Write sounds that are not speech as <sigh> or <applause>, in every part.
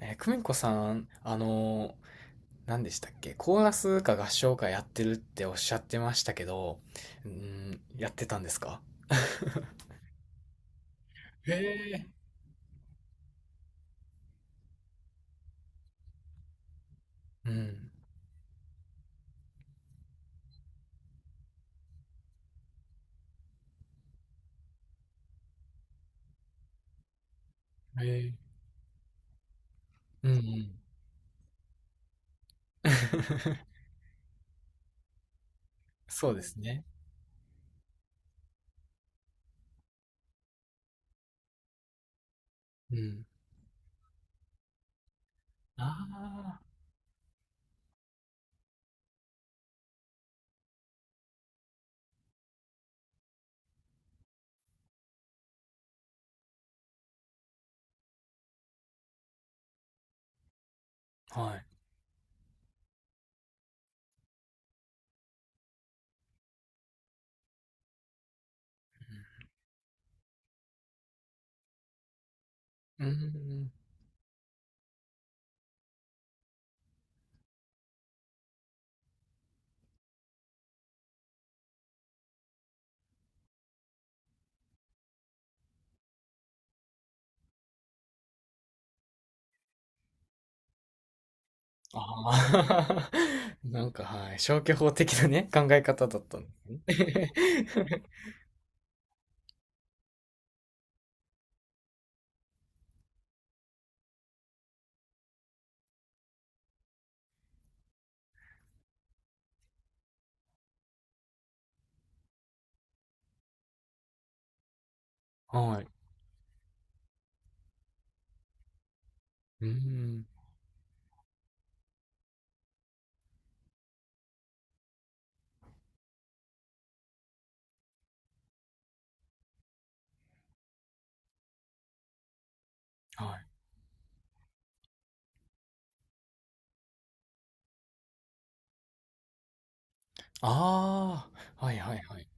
久美子さん、何でしたっけ？コーラスか合唱かやってるっておっしゃってましたけど、うん、やってたんですか？うん。えー、うんうん。<laughs> そうですね。うん。ああ、はい。うん。ああ、<laughs> なんかはい、消去法的なね、考え方だったんですね。<laughs> はい。うん。はい。ああ、はいはいはい。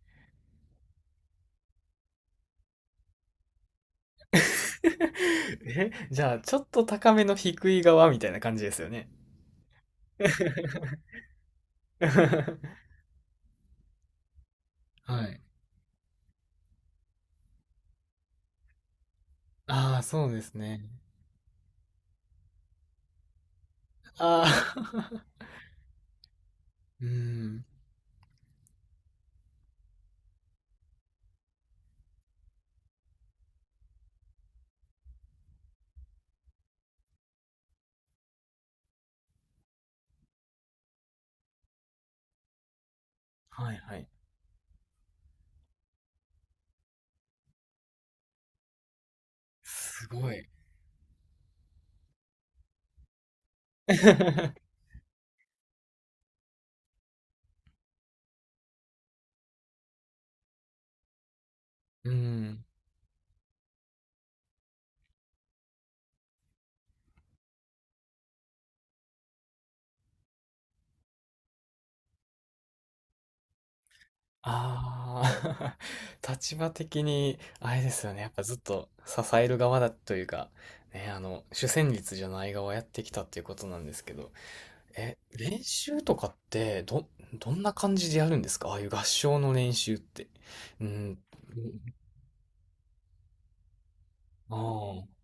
<laughs> え、じゃあ、ちょっと高めの低い側みたいな感じですよね。<laughs> はい。ああ、そうですね。ああ、<laughs> うーん。はいはい。すごい。<laughs> うーん。ああ、<laughs> 立場的に、あれですよね。やっぱずっと支える側だというか、ね、主旋律じゃない側やってきたっていうことなんですけど、練習とかって、どんな感じでやるんですかああいう合唱の練習って？うん。ああ、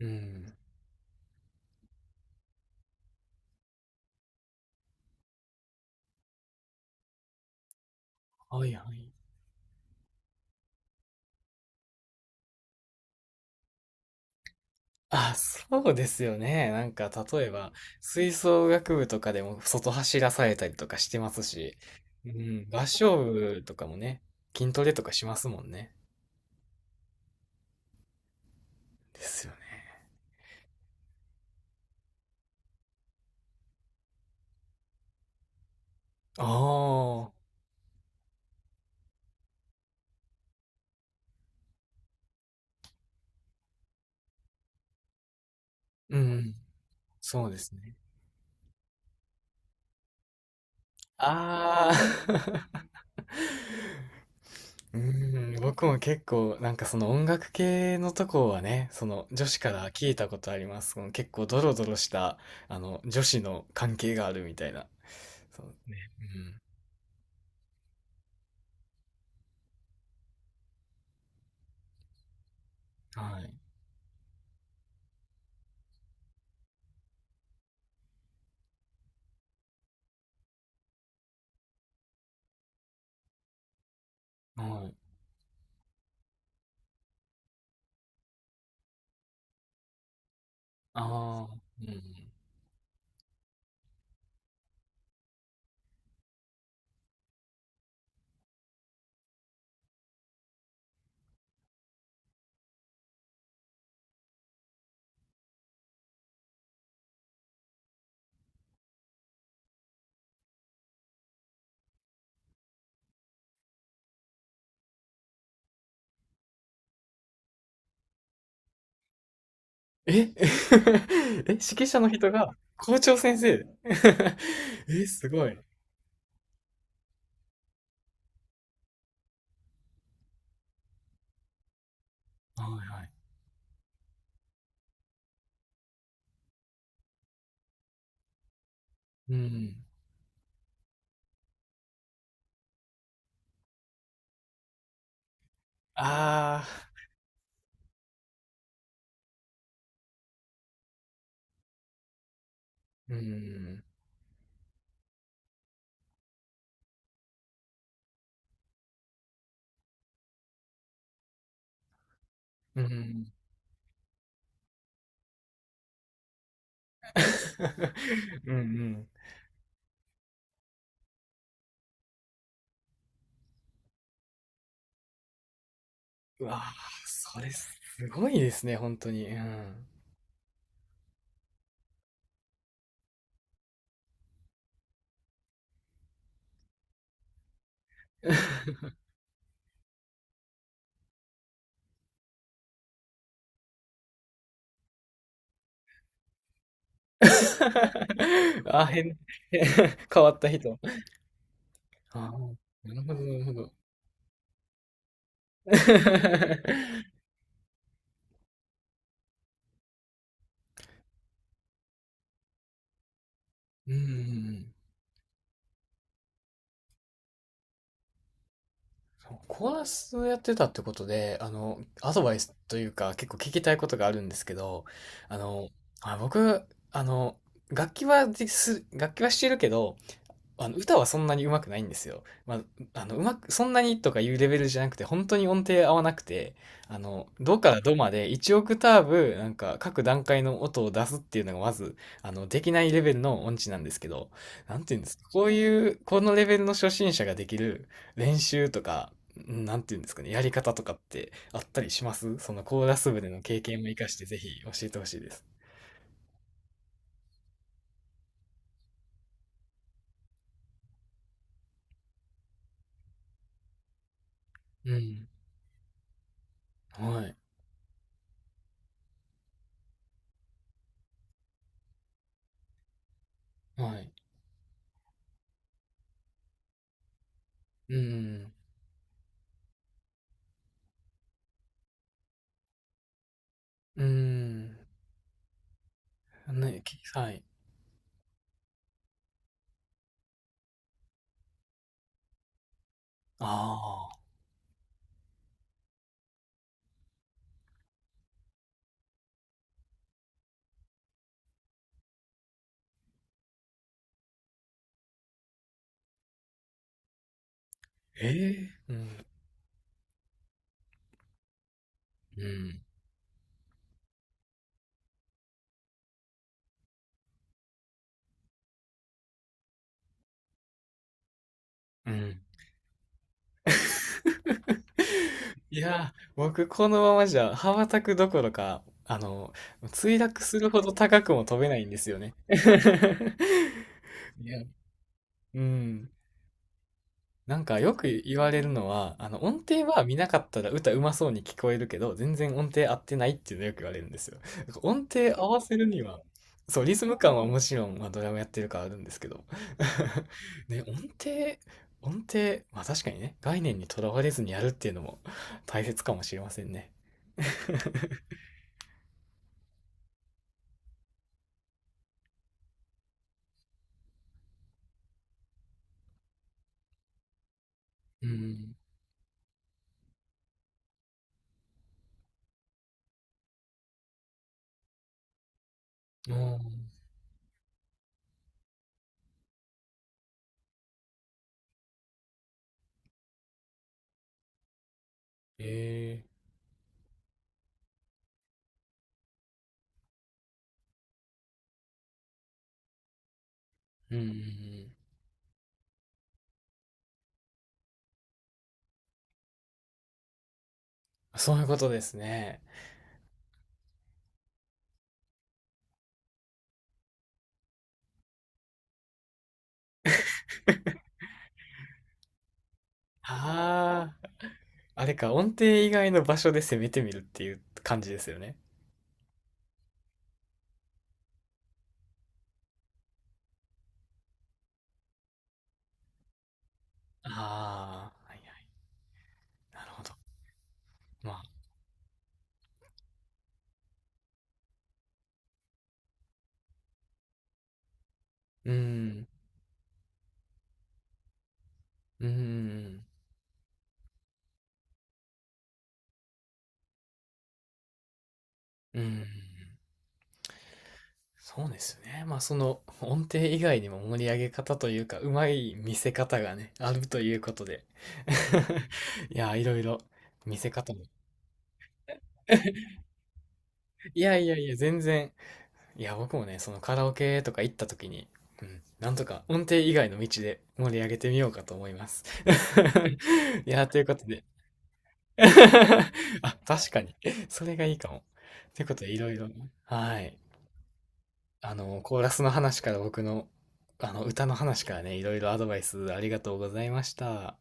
うん。はいはい。あ、そうですよね。なんか、例えば、吹奏楽部とかでも外走らされたりとかしてますし、うん、合唱部とかもね、筋トレとかしますもんね。ですよね。ああ、うん。そうですね。ああ、<laughs> うーん、僕も結構、なんかその音楽系のとこはね、その女子から聞いたことあります。その結構ドロドロした、女子の関係があるみたいな。そうね。うん。はい。はい。ああ、うんうん。え <laughs> え、指揮者の人が校長先生 <laughs> え、すごい。はいはい。うん。ああ、うん。うん。<laughs> うんうんうわあ、それすごいですね、本当に。うん。<laughs> あ、変変わった人。ああ、なるほどなるほど。<laughs> うんうんうん。そう、コーラスをやってたってことで、アドバイスというか、結構聞きたいことがあるんですけど、あの、あ、僕、あの、楽器はしてるけど、歌はそんなに上手くないんですよ。まあ、うまく、そんなにとかいうレベルじゃなくて、本当に音程合わなくて、ドからドまで1オクターブ、なんか各段階の音を出すっていうのがまず、できないレベルの音痴なんですけど、なんていうんですか、こういう、このレベルの初心者ができる練習とか、なんていうんですかね、やり方とかってあったりしますそのコーラス部での経験も活かしてぜひ教えてほしいです。うん。はい。はい。うん。うん。ね、はい。ああ、ええうん、うん、うん。<laughs> いやー、僕このままじゃ羽ばたくどころか、墜落するほど高くも飛べないんですよね。<laughs> いや、うん。なんかよく言われるのは、音程は見なかったら歌うまそうに聞こえるけど、全然音程合ってないっていうのよく言われるんですよ。なんか音程合わせるには、そう、リズム感はもちろん、まあ、ドラムやってるからあるんですけど。<laughs> ね、程、音程、まあ確かにね、概念にとらわれずにやるっていうのも大切かもしれませんね。うん。おー、えーうんうんうん。そういうことですね。ああ、あれか、音程以外の場所で攻めてみるっていう感じですよね。ああ、なるほど。まあ、うーん、うーん、うーん。そうですね。まあ、その音程以外にも盛り上げ方というか、うまい見せ方がね、あるということで。<laughs> いや、いろいろ見せ方も。<laughs> いやいやいや、全然。いや、僕もね、そのカラオケとか行った時に、うん、なんとか音程以外の道で盛り上げてみようかと思います。<laughs> いや、ということで。<laughs> あ、確かに。それがいいかも。ということで、いろいろね、はい。コーラスの話から僕の、歌の話からね、いろいろアドバイスありがとうございました。